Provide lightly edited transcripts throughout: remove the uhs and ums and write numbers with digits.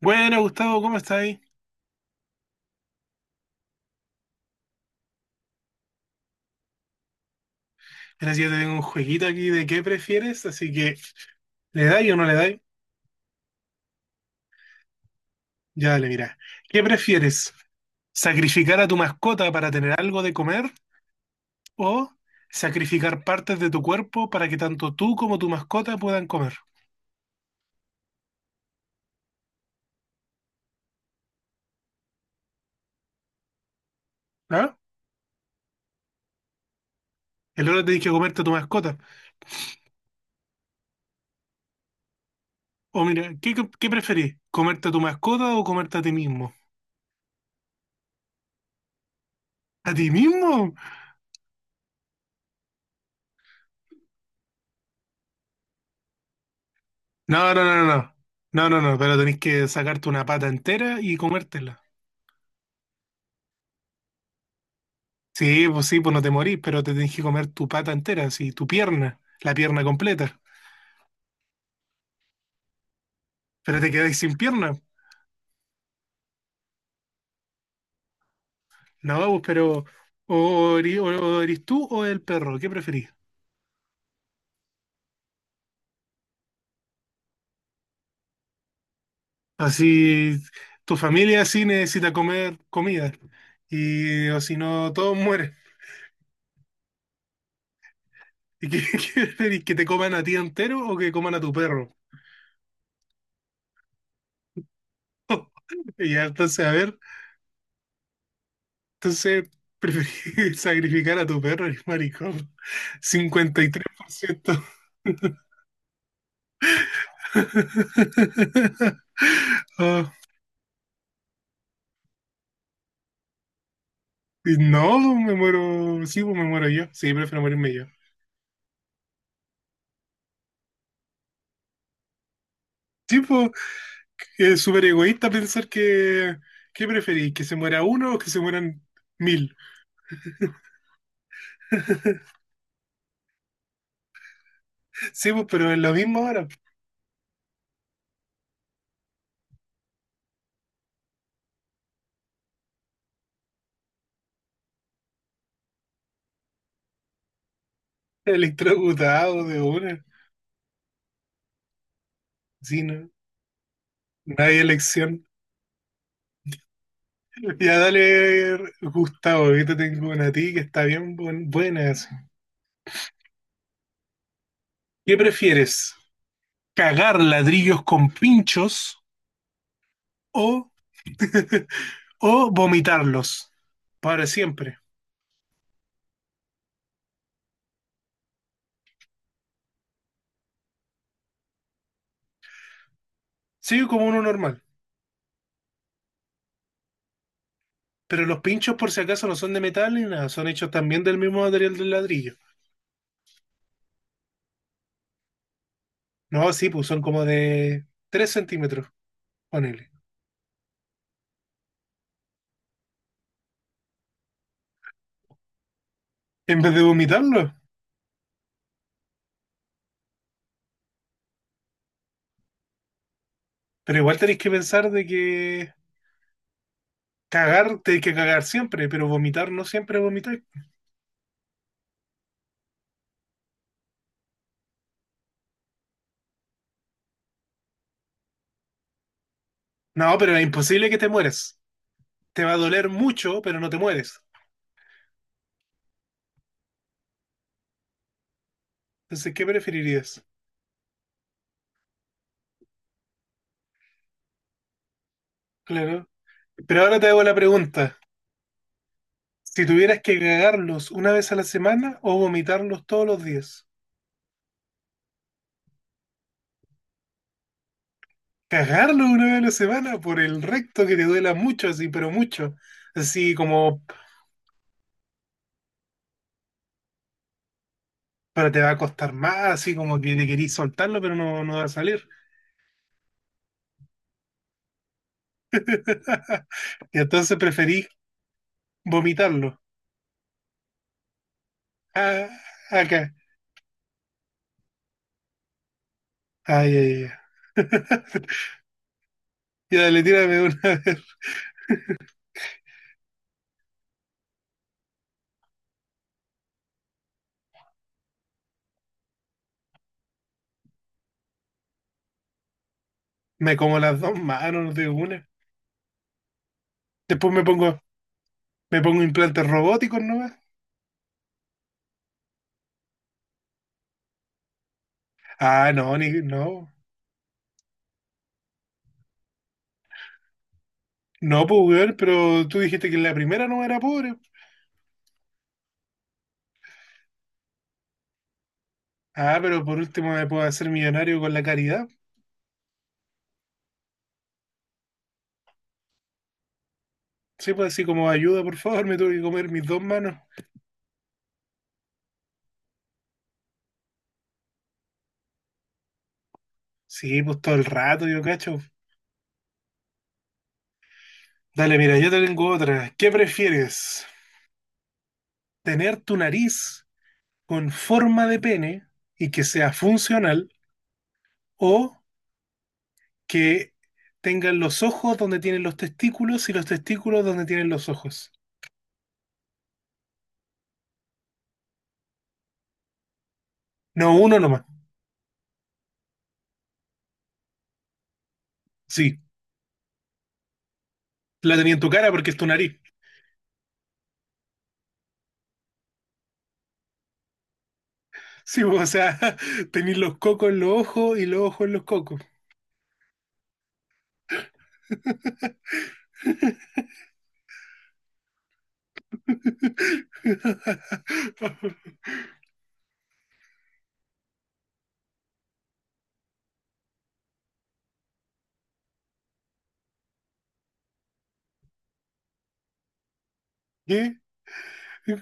Bueno, Gustavo, ¿cómo estáis? Mira, si yo te tengo un jueguito aquí de qué prefieres, así que ¿le dais o no le dais? Ya dale, mira. ¿Qué prefieres? ¿Sacrificar a tu mascota para tener algo de comer o sacrificar partes de tu cuerpo para que tanto tú como tu mascota puedan comer? ¿Ah? El otro te dije comerte a tu mascota. O mira, ¿qué preferís? ¿Comerte a tu mascota o comerte a ti mismo? ¿A ti mismo? No, no, no, no. No, no, no, no, pero tenés que sacarte una pata entera y comértela. Sí, pues no te morís, pero te tenés que comer tu pata entera, sí, tu pierna, la pierna completa. Pero te quedáis sin pierna. No, pues, pero o tú o el perro, ¿qué preferís? Así, tu familia sí necesita comer comida. Y o si no, todos mueren. ¿Y qué, qué preferís? ¿Que te coman a ti entero o que coman a tu perro? Y ya, entonces, a ver, entonces preferís sacrificar a tu perro, eres maricón. 53%. Ah, y no, no, me muero, sí, pues me muero yo. Sí, prefiero morirme yo. Sí, pues, es súper egoísta pensar que, ¿qué preferís? ¿Que se muera uno o que se mueran mil? Sí, pues, pero es lo mismo ahora, pues. Electrocutado de una. Sí, no. No hay elección. Ya dale, Gustavo, ahorita tengo una a ti que está bien buena, así. ¿Qué prefieres? ¿Cagar ladrillos con pinchos o o vomitarlos para siempre? Sigue como uno normal. Pero los pinchos, por si acaso, no son de metal ni nada. Son hechos también del mismo material del ladrillo. No, sí, pues son como de 3 centímetros, ponele. En vez de vomitarlo. Pero igual tenéis que pensar de que cagar, tenéis que cagar siempre. Pero vomitar no siempre vomitar. No, pero es imposible que te mueras. Te va a doler mucho, pero no te mueres. Entonces, ¿qué preferirías? Claro. Pero ahora te hago la pregunta. Si tuvieras que cagarlos una vez a la semana o vomitarlos todos los días. Cagarlos una vez a la semana por el recto que te duela mucho, así, pero mucho. Así como, pero te va a costar más, así como que te querís soltarlo, pero no va a salir. Y entonces preferís vomitarlo. Ah, acá. Ay, ay, ay. Ya, dale, tírame una vez. Me como las dos manos de una. Después me pongo implantes robóticos nomás. Ah, no, ni, no. No, pues, weón, pero tú dijiste que la primera no era pobre. Ah, pero por último me puedo hacer millonario con la caridad. Sí, pues así como ayuda, por favor, me tuve que comer mis dos manos. Sí, pues todo el rato, yo cacho. Dale, mira, yo te tengo otra. ¿Qué prefieres? ¿Tener tu nariz con forma de pene y que sea funcional o que tengan los ojos donde tienen los testículos y los testículos donde tienen los ojos? No, uno nomás. Sí, la tenía en tu cara porque es tu nariz. Sí, o sea, tenéis los cocos en los ojos y los ojos en los cocos. ¿Qué?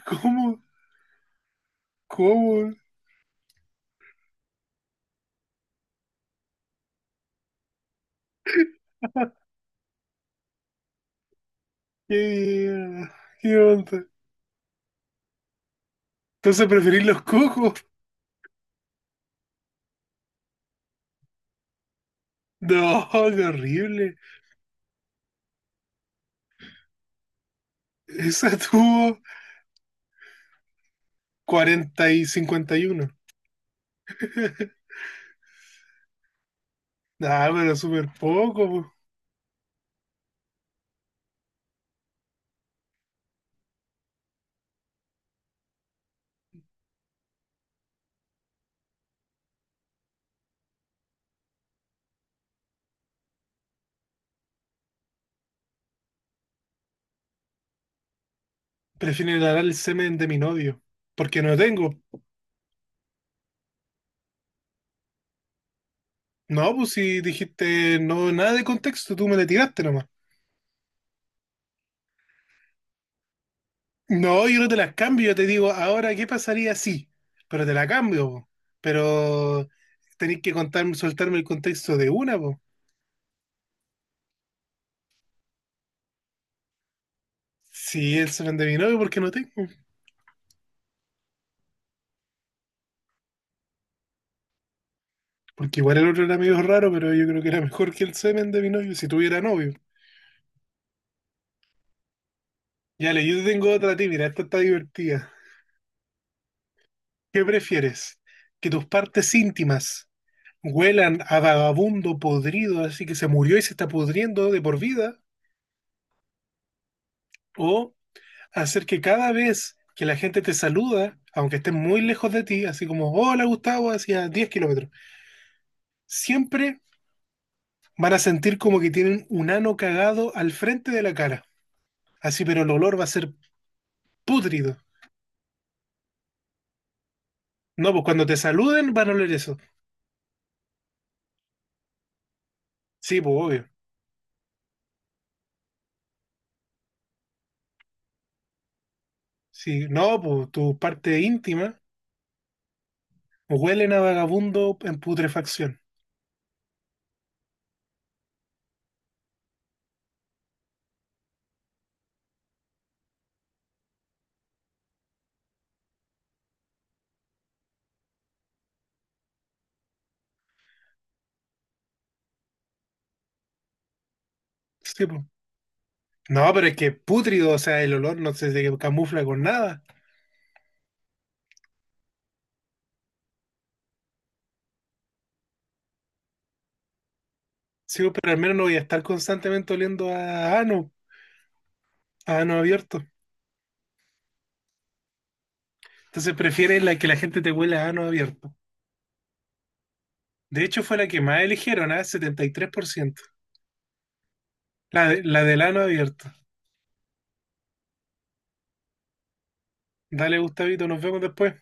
¿Cómo? ¿Cómo? ¿Qué, qué onda? Entonces preferís los cocos. No, qué horrible. Esa tuvo 40 y 51. Nah, pero súper poco, po. Prefiero inhalar el semen de mi novio. Porque no lo tengo. No, pues si dijiste no, nada de contexto, tú me le tiraste nomás. No, yo no te las cambio, yo te digo, ahora, ¿qué pasaría si? Pero te la cambio, po. Pero tenéis que contarme, soltarme el contexto de una, po. Si el semen de mi novio, ¿por qué no tengo? Porque igual el otro era medio raro, pero yo creo que era mejor que el semen de mi novio, si tuviera novio. Ya le, yo te tengo otra a ti, mira, esta está divertida. ¿Qué prefieres? ¿Que tus partes íntimas huelan a vagabundo podrido, así que se murió y se está pudriendo de por vida? ¿O hacer que cada vez que la gente te saluda, aunque esté muy lejos de ti, así como, hola Gustavo, hacia 10 kilómetros, siempre van a sentir como que tienen un ano cagado al frente de la cara? Así, pero el olor va a ser pútrido. No, pues cuando te saluden van a oler eso. Sí, pues obvio. Sí, no, pues tu parte íntima huelen a vagabundo en putrefacción. Sí, pues. No, pero es que pútrido, o sea, el olor no se camufla con nada. Sí, pues, pero al menos no voy a estar constantemente oliendo a ano abierto. Entonces prefieren la que la gente te huela a ano abierto. De hecho, fue la que más eligieron, ¿ah? 73%. La, la del ano abierto. Dale, Gustavito, nos vemos después.